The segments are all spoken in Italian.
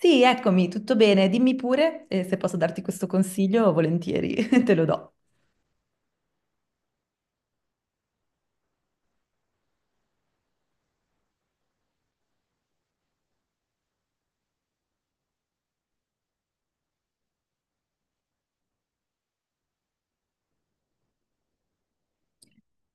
Sì, eccomi, tutto bene. Dimmi pure, se posso darti questo consiglio, volentieri te lo do.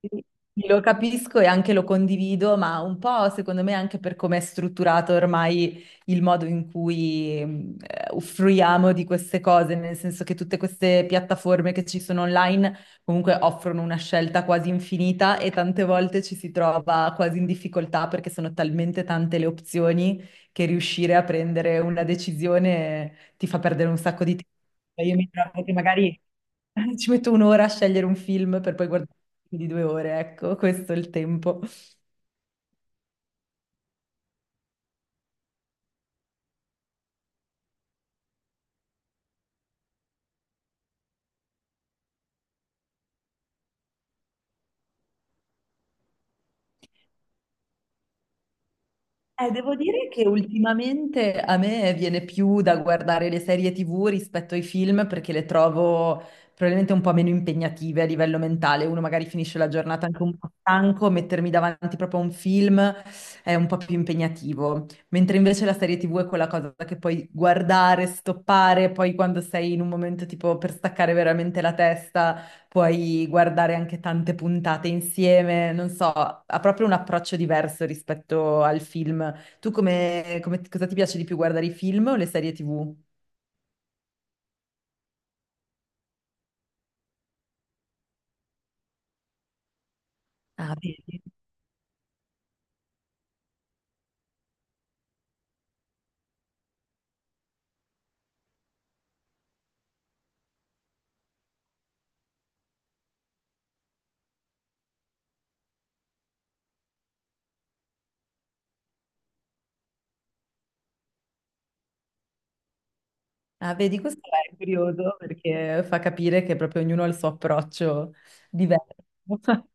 Sì, lo capisco e anche lo condivido, ma un po' secondo me anche per come è strutturato ormai il modo in cui offriamo di queste cose, nel senso che tutte queste piattaforme che ci sono online comunque offrono una scelta quasi infinita e tante volte ci si trova quasi in difficoltà perché sono talmente tante le opzioni che riuscire a prendere una decisione ti fa perdere un sacco di tempo. Io mi trovo che magari ci metto un'ora a scegliere un film per poi guardare di due ore, ecco, questo è il tempo. Devo dire che ultimamente a me viene più da guardare le serie TV rispetto ai film perché le trovo probabilmente un po' meno impegnative a livello mentale. Uno magari finisce la giornata anche un po' stanco, mettermi davanti proprio a un film è un po' più impegnativo. Mentre invece la serie TV è quella cosa che puoi guardare, stoppare, poi quando sei in un momento tipo per staccare veramente la testa, puoi guardare anche tante puntate insieme. Non so, ha proprio un approccio diverso rispetto al film. Tu come, cosa ti piace di più, guardare i film o le serie TV? Ah, vedi. Ah, vedi, questo è curioso perché fa capire che proprio ognuno ha il suo approccio diverso.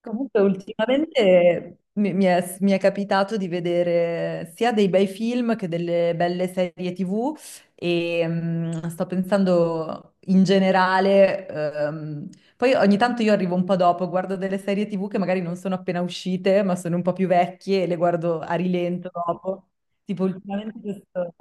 Comunque, ultimamente mi è capitato di vedere sia dei bei film che delle belle serie TV e sto pensando in generale, poi ogni tanto io arrivo un po' dopo, guardo delle serie TV che magari non sono appena uscite, ma sono un po' più vecchie e le guardo a rilento dopo. Tipo ultimamente questo...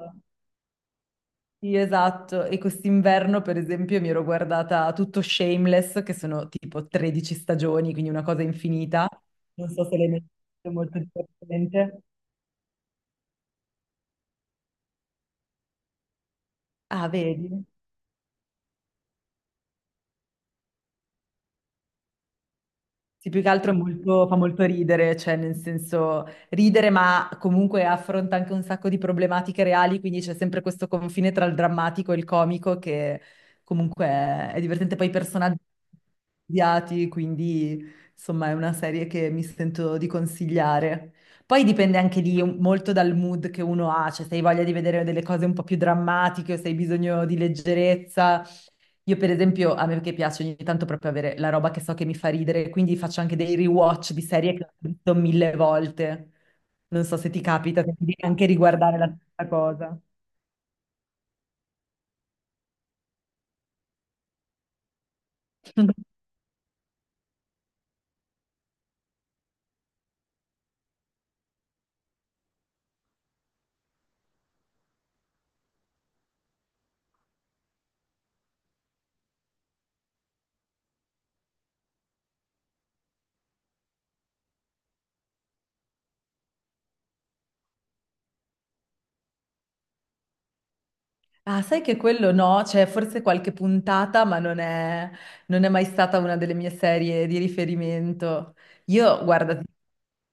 Sì, esatto. E quest'inverno, per esempio, mi ero guardata tutto Shameless, che sono tipo 13 stagioni, quindi una cosa infinita. Non so se l'hai mai visto, molto divertente. Ah, vedi? Sì, più che altro fa molto ridere, cioè nel senso ridere, ma comunque affronta anche un sacco di problematiche reali, quindi c'è sempre questo confine tra il drammatico e il comico che comunque è divertente. Poi i personaggi odiati, quindi insomma è una serie che mi sento di consigliare. Poi dipende anche lì molto dal mood che uno ha, cioè se hai voglia di vedere delle cose un po' più drammatiche o se hai bisogno di leggerezza. Io per esempio, a me che piace ogni tanto proprio avere la roba che so che mi fa ridere, quindi faccio anche dei rewatch di serie che ho visto mille volte. Non so se ti capita, se ti devi anche riguardare la stessa cosa. Ah, sai che quello no, c'è forse qualche puntata, ma non è mai stata una delle mie serie di riferimento. Io, guarda,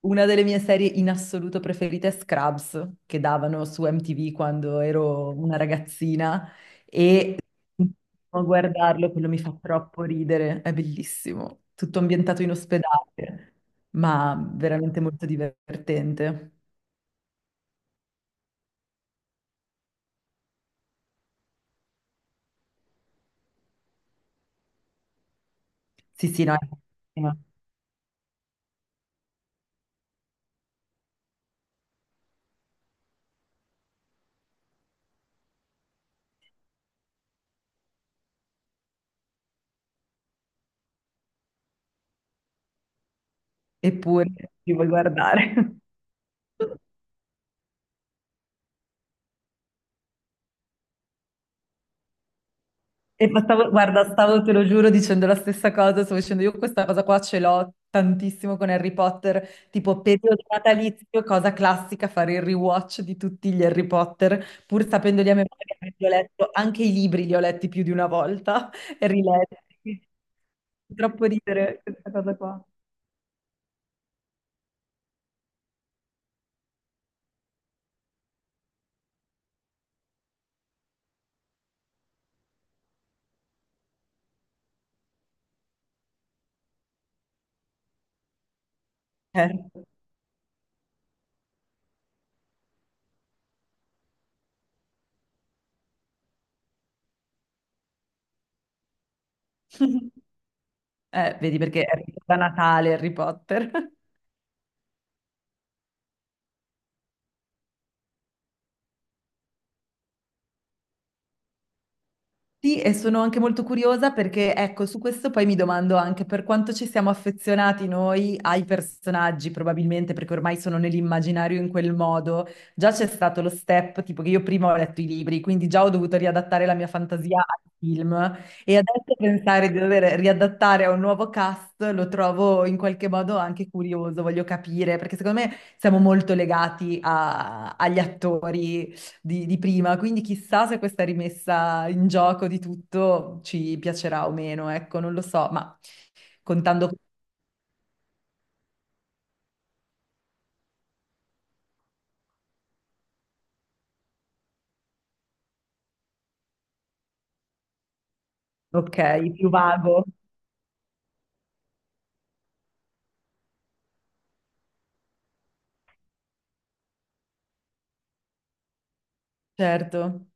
una delle mie serie in assoluto preferite è Scrubs, che davano su MTV quando ero una ragazzina, e a guardarlo, quello mi fa troppo ridere, è bellissimo. Tutto ambientato in ospedale, ma veramente molto divertente. Sì, sì, no, è bellissimo. Eppure ci vuoi guardare. E ma guarda, stavo, te lo giuro, dicendo la stessa cosa, stavo dicendo io questa cosa qua, ce l'ho tantissimo con Harry Potter, tipo periodo natalizio, cosa classica, fare il rewatch di tutti gli Harry Potter, pur sapendoli a memoria, perché li ho letto, anche i libri li ho letti più di una volta e riletti. Quindi fa troppo ridere questa cosa qua. Certo. Vedi perché è da Natale Harry Potter. Sì, e sono anche molto curiosa perché, ecco, su questo poi mi domando anche per quanto ci siamo affezionati noi ai personaggi, probabilmente perché ormai sono nell'immaginario in quel modo. Già c'è stato lo step, tipo che io prima ho letto i libri, quindi già ho dovuto riadattare la mia fantasia al film, e adesso pensare di dover riadattare a un nuovo cast lo trovo in qualche modo anche curioso, voglio capire, perché secondo me siamo molto legati agli attori di prima, quindi chissà se questa rimessa in gioco di tutto ci piacerà o meno, ecco, non lo so, ma contando, ok, più vago, certo.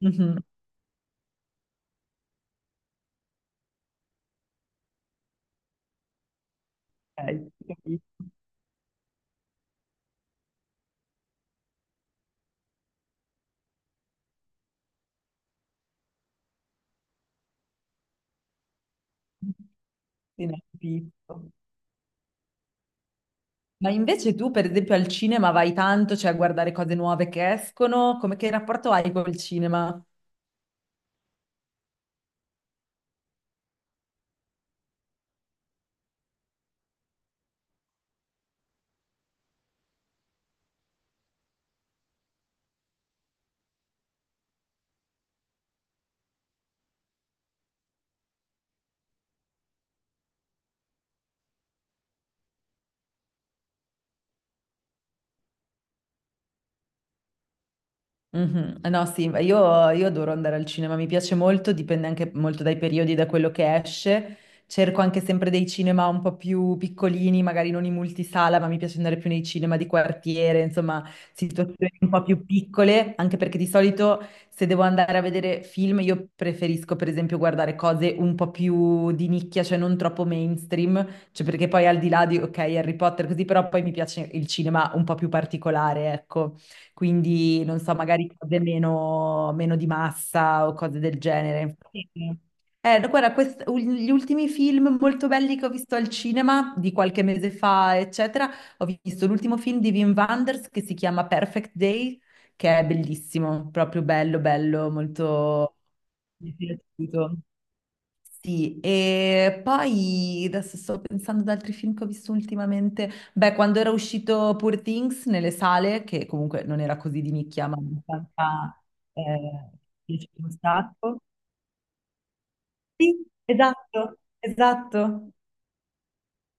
Mhm, ok, capisco. Sì, no, capisco. Ma invece tu, per esempio, al cinema vai tanto, cioè a guardare cose nuove che escono, come, che rapporto hai col cinema? Mh-mh. Eh no, sì, ma io adoro andare al cinema, mi piace molto, dipende anche molto dai periodi, da quello che esce. Cerco anche sempre dei cinema un po' più piccolini, magari non in multisala, ma mi piace andare più nei cinema di quartiere, insomma, situazioni un po' più piccole, anche perché di solito se devo andare a vedere film, io preferisco per esempio guardare cose un po' più di nicchia, cioè non troppo mainstream, cioè perché poi al di là di, ok, Harry Potter così, però poi mi piace il cinema un po' più particolare, ecco, quindi non so, magari cose meno di massa o cose del genere. Sì. No, guarda, gli ultimi film molto belli che ho visto al cinema di qualche mese fa, eccetera, ho visto l'ultimo film di Wim Wenders che si chiama Perfect Day, che è bellissimo, proprio bello, molto... Mi è piaciuto. Sì, e poi adesso sto pensando ad altri film che ho visto ultimamente. Beh, quando era uscito Poor Things nelle sale, che comunque non era così di nicchia, ma in realtà eh, piaceva un sacco. Sì, esatto.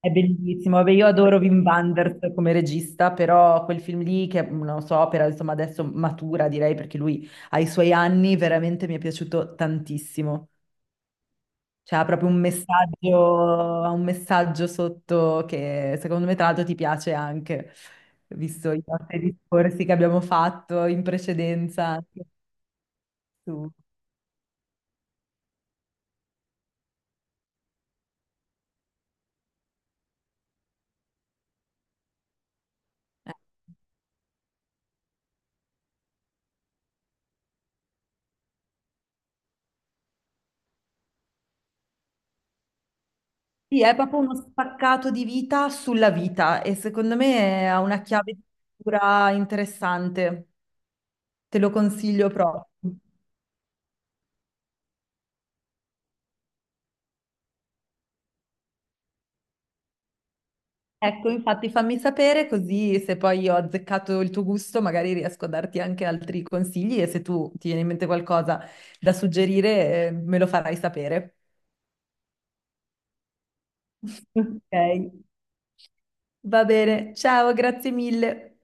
È bellissimo. Vabbè, io adoro Wim Wenders come regista, però quel film lì, che è una sua opera, insomma, adesso matura, direi, perché lui ai suoi anni, veramente mi è piaciuto tantissimo. C'era proprio un messaggio, ha un messaggio sotto che secondo me tra l'altro ti piace anche, visto i nostri discorsi che abbiamo fatto in precedenza. Anche su- eh. Sì, è proprio uno spaccato di vita sulla vita e secondo me ha una chiave di lettura interessante. Te lo consiglio proprio. Ecco, infatti fammi sapere così se poi ho azzeccato il tuo gusto, magari riesco a darti anche altri consigli e se tu ti viene in mente qualcosa da suggerire, me lo farai sapere. Ok. Va bene, ciao, grazie mille.